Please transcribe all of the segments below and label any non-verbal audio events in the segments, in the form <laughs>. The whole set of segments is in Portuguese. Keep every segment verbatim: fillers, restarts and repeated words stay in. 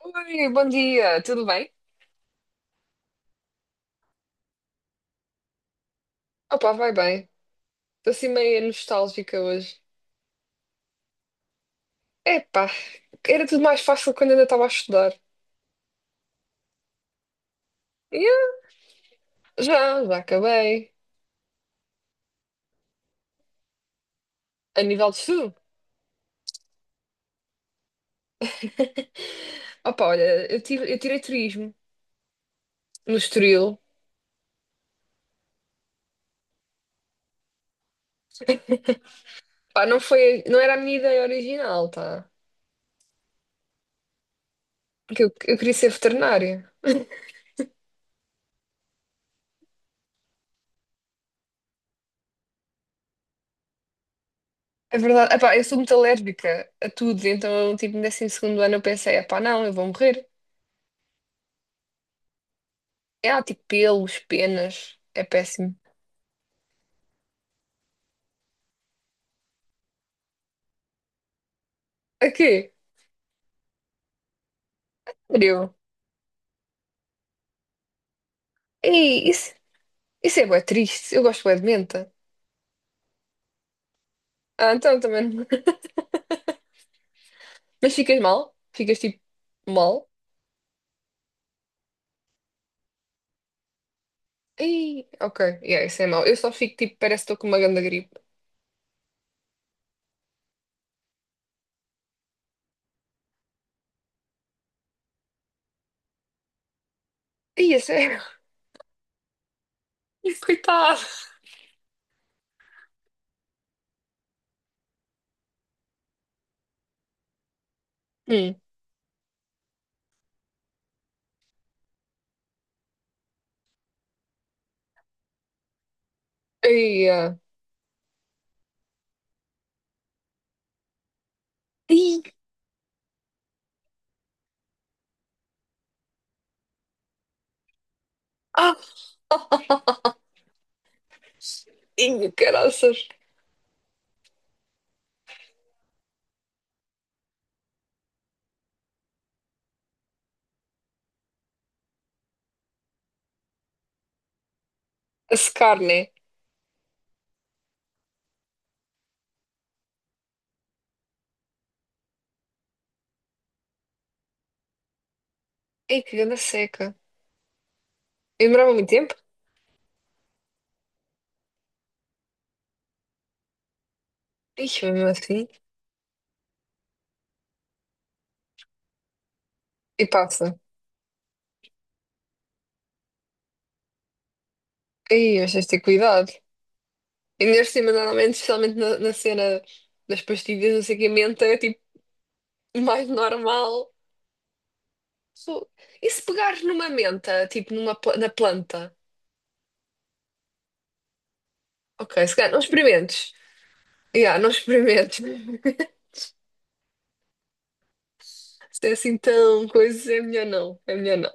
Oi, bom dia, tudo bem? Opa, vai bem. Estou assim meio nostálgica hoje. Epá, era tudo mais fácil quando ainda estava a estudar. Yeah, já, já acabei. A nível de estudo. <laughs> Opa, olha, eu tive, eu tirei turismo no Estoril. Pá, não foi, não era a minha ideia original, tá? Porque eu, eu queria ser veterinária. É verdade, epá, eu sou muito alérgica a tudo, então, tipo, no décimo segundo ano eu pensei, epá, não, eu vou morrer. É, ah, tipo, pelos, penas, é péssimo. A quê? Frio. Ei, isso, isso é bué triste. Eu gosto bué de menta. Ah, então também. não- <laughs> Mas ficas mal? Ficas tipo mal? Ei, ok. Yeah, isso é mau. Eu só fico tipo, parece que estou com uma grande gripe. Ei, é sério? <laughs> Ih, coitado. Hum. Ei, ah. Ih, ah. <laughs> Ih, caraças. A secar, né? Ei, que grande seca. E demorava muito tempo? Ixi, mesmo assim. E passa. Ei, mas tens de ter cuidado. E neste cima, normalmente, especialmente na, na cena das pastilhas, não sei o que, a menta, é tipo mais normal. Fogo. E se pegares numa menta, tipo numa, pla- na planta? Ok, se calhar não experimentes. Yeah, não experimentes. <laughs> Se é assim tão coisa, é melhor não. É melhor não.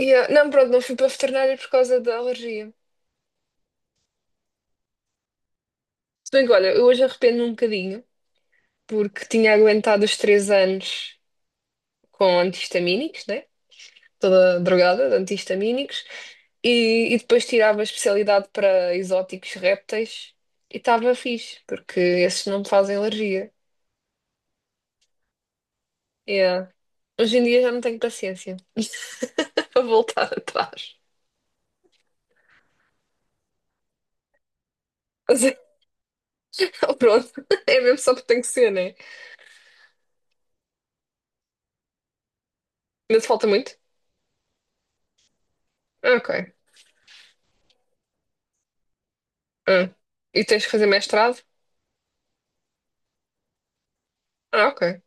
Yeah, não, pronto, não fui para a veterinária por causa da alergia. Se bem que, olha, eu hoje arrependo um bocadinho, porque tinha aguentado os três anos com antihistamínicos, né? Toda drogada de antihistamínicos. E, e depois tirava a especialidade para exóticos répteis e estava fixe, porque esses não me fazem alergia. Yeah. Hoje em dia já não tenho paciência <laughs> para voltar atrás. Mas é- <laughs> pronto, é mesmo só porque tem que ser, né? Ainda te falta muito? Ah, ok. Ah. E tens que fazer mestrado? Ah, ok.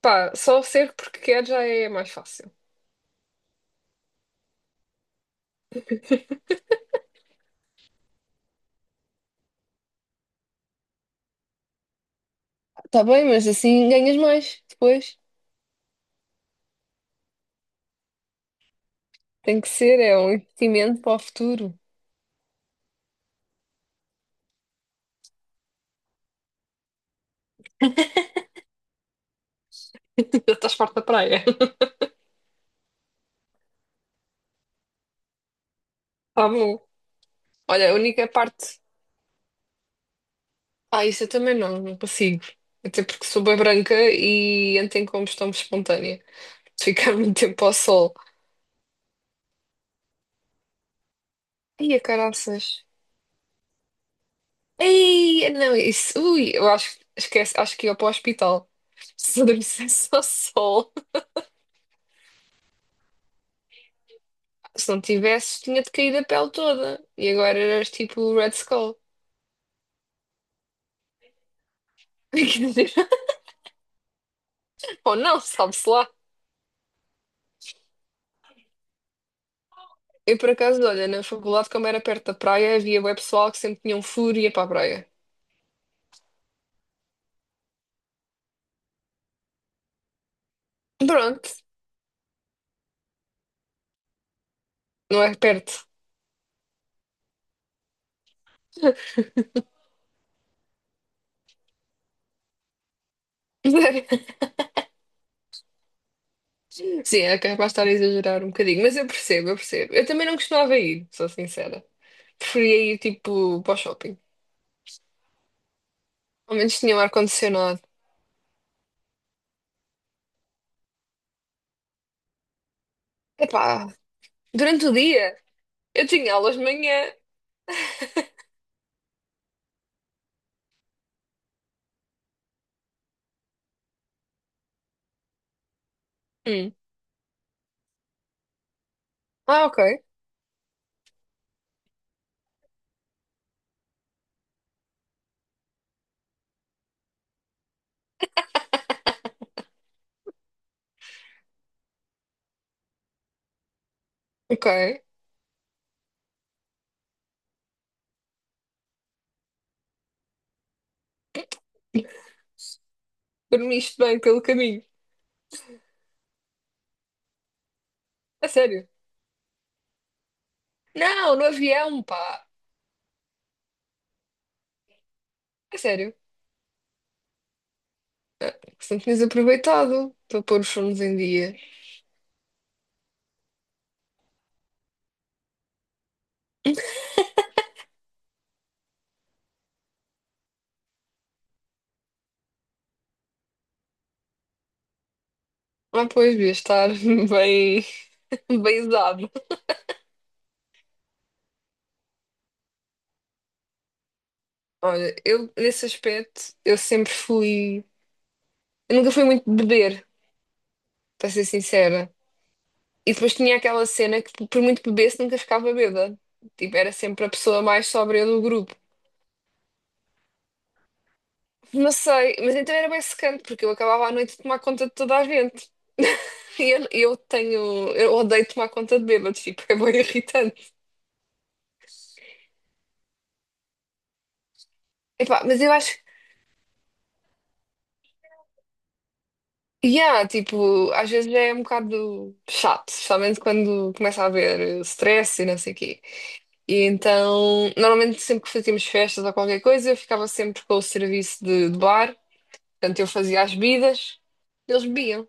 Pá, só ser porque quer já é mais fácil. Tá bem, mas assim ganhas mais depois. Tem que ser, é um investimento para o futuro. <laughs> Já estás farta da praia. <laughs> Tá bom. Olha, a única parte. Ah, isso eu também não, não consigo. Até porque sou bem branca e entro em combustão espontânea. De ficar <laughs> muito tempo ao sol. Ai, a caraças. Ei, não, isso. Ui, eu acho, esquece, acho que ia para o hospital. <laughs> Se adormecesse ao sol. Se não tivesse, tinha-te caído a pele toda. E agora eras tipo o Red Skull. <laughs> Quer dizer, ou não, sabe-se lá. Eu, por acaso, olha, na faculdade, como era perto da praia, havia bué pessoal que sempre tinham um e ia para a praia. Pronto, não é perto. <laughs> Sim, é capaz de estar a exagerar um bocadinho, mas eu percebo, eu percebo. Eu também não costumava ir, sou sincera. Preferia ir tipo para o shopping. Ao menos tinha um ar-condicionado. Epá, durante o dia eu tinha aulas de manhã. Hum. Ah, ok, ok. Dormiste bem pelo caminho. A sério. Não, no avião, pá. A sério. Ah, que se não tinhas aproveitado para pôr os fones em dia. Ah, pois, devia estar <laughs> bem, bem usado. Olha, eu nesse aspecto eu sempre fui. Eu nunca fui muito beber, para ser sincera. E depois tinha aquela cena que, por muito que bebesse, nunca ficava bêbada. Tipo, era sempre a pessoa mais sóbria do grupo. Não sei, mas então era bem secante, porque eu acabava à noite de tomar conta de toda a gente. <laughs> E eu, eu tenho. Eu odeio tomar conta de bêbados, tipo, é bem irritante. Epá, mas eu acho. Yeah, tipo, às vezes é um bocado chato, especialmente quando começa a haver eh, stress e não sei o quê. E então, normalmente sempre que fazíamos festas ou qualquer coisa, eu ficava sempre com o serviço de, de bar. Portanto, eu fazia as bebidas, eles bebiam.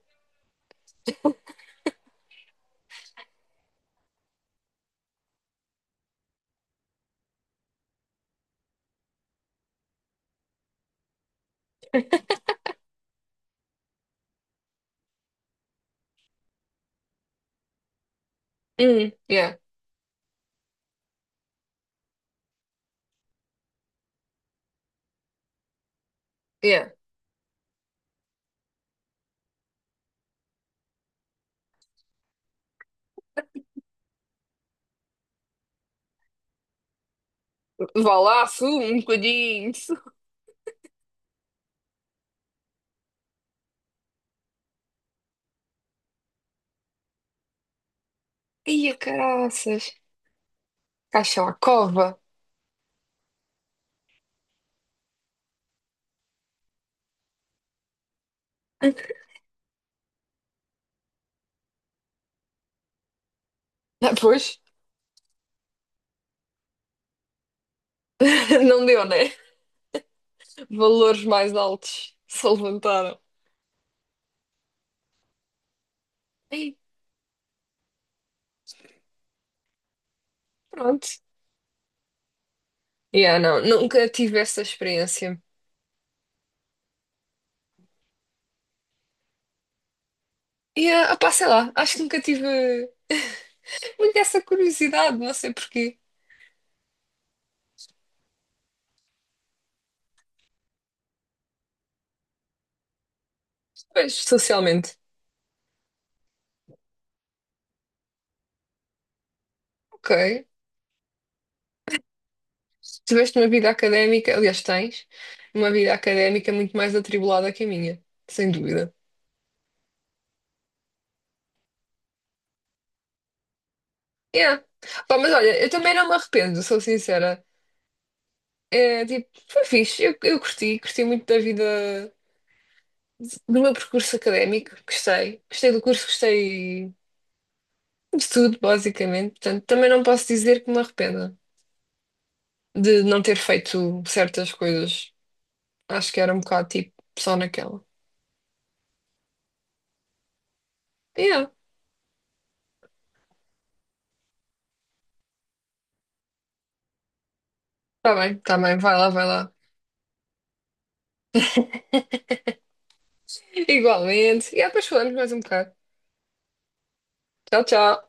Hum, yeah, yeah. Vá lá, sumo um bocadinho. Ia caraças. Caixa à cova. Ah, pois, <laughs> não deu, né? Valores mais altos se levantaram. Ei, pronto. Yeah, não, nunca tive essa experiência. E, ah, pá, sei lá, acho que nunca tive muito essa curiosidade, não sei porquê. Pois, socialmente. Ok. Se tiveste uma vida académica, aliás, tens uma vida académica muito mais atribulada que a minha, sem dúvida. Yeah. Pá, mas olha, eu também não me arrependo, sou sincera. É tipo, foi fixe, eu, eu curti, curti muito da vida, do meu percurso académico, gostei, gostei do curso, gostei de tudo, basicamente. Portanto, também não posso dizer que me arrependa de não ter feito certas coisas. Acho que era um bocado tipo, só naquela. Yeah, tá bem, tá bem, vai lá, vai lá. Igualmente. E depois falamos mais um bocado. Tchau, tchau.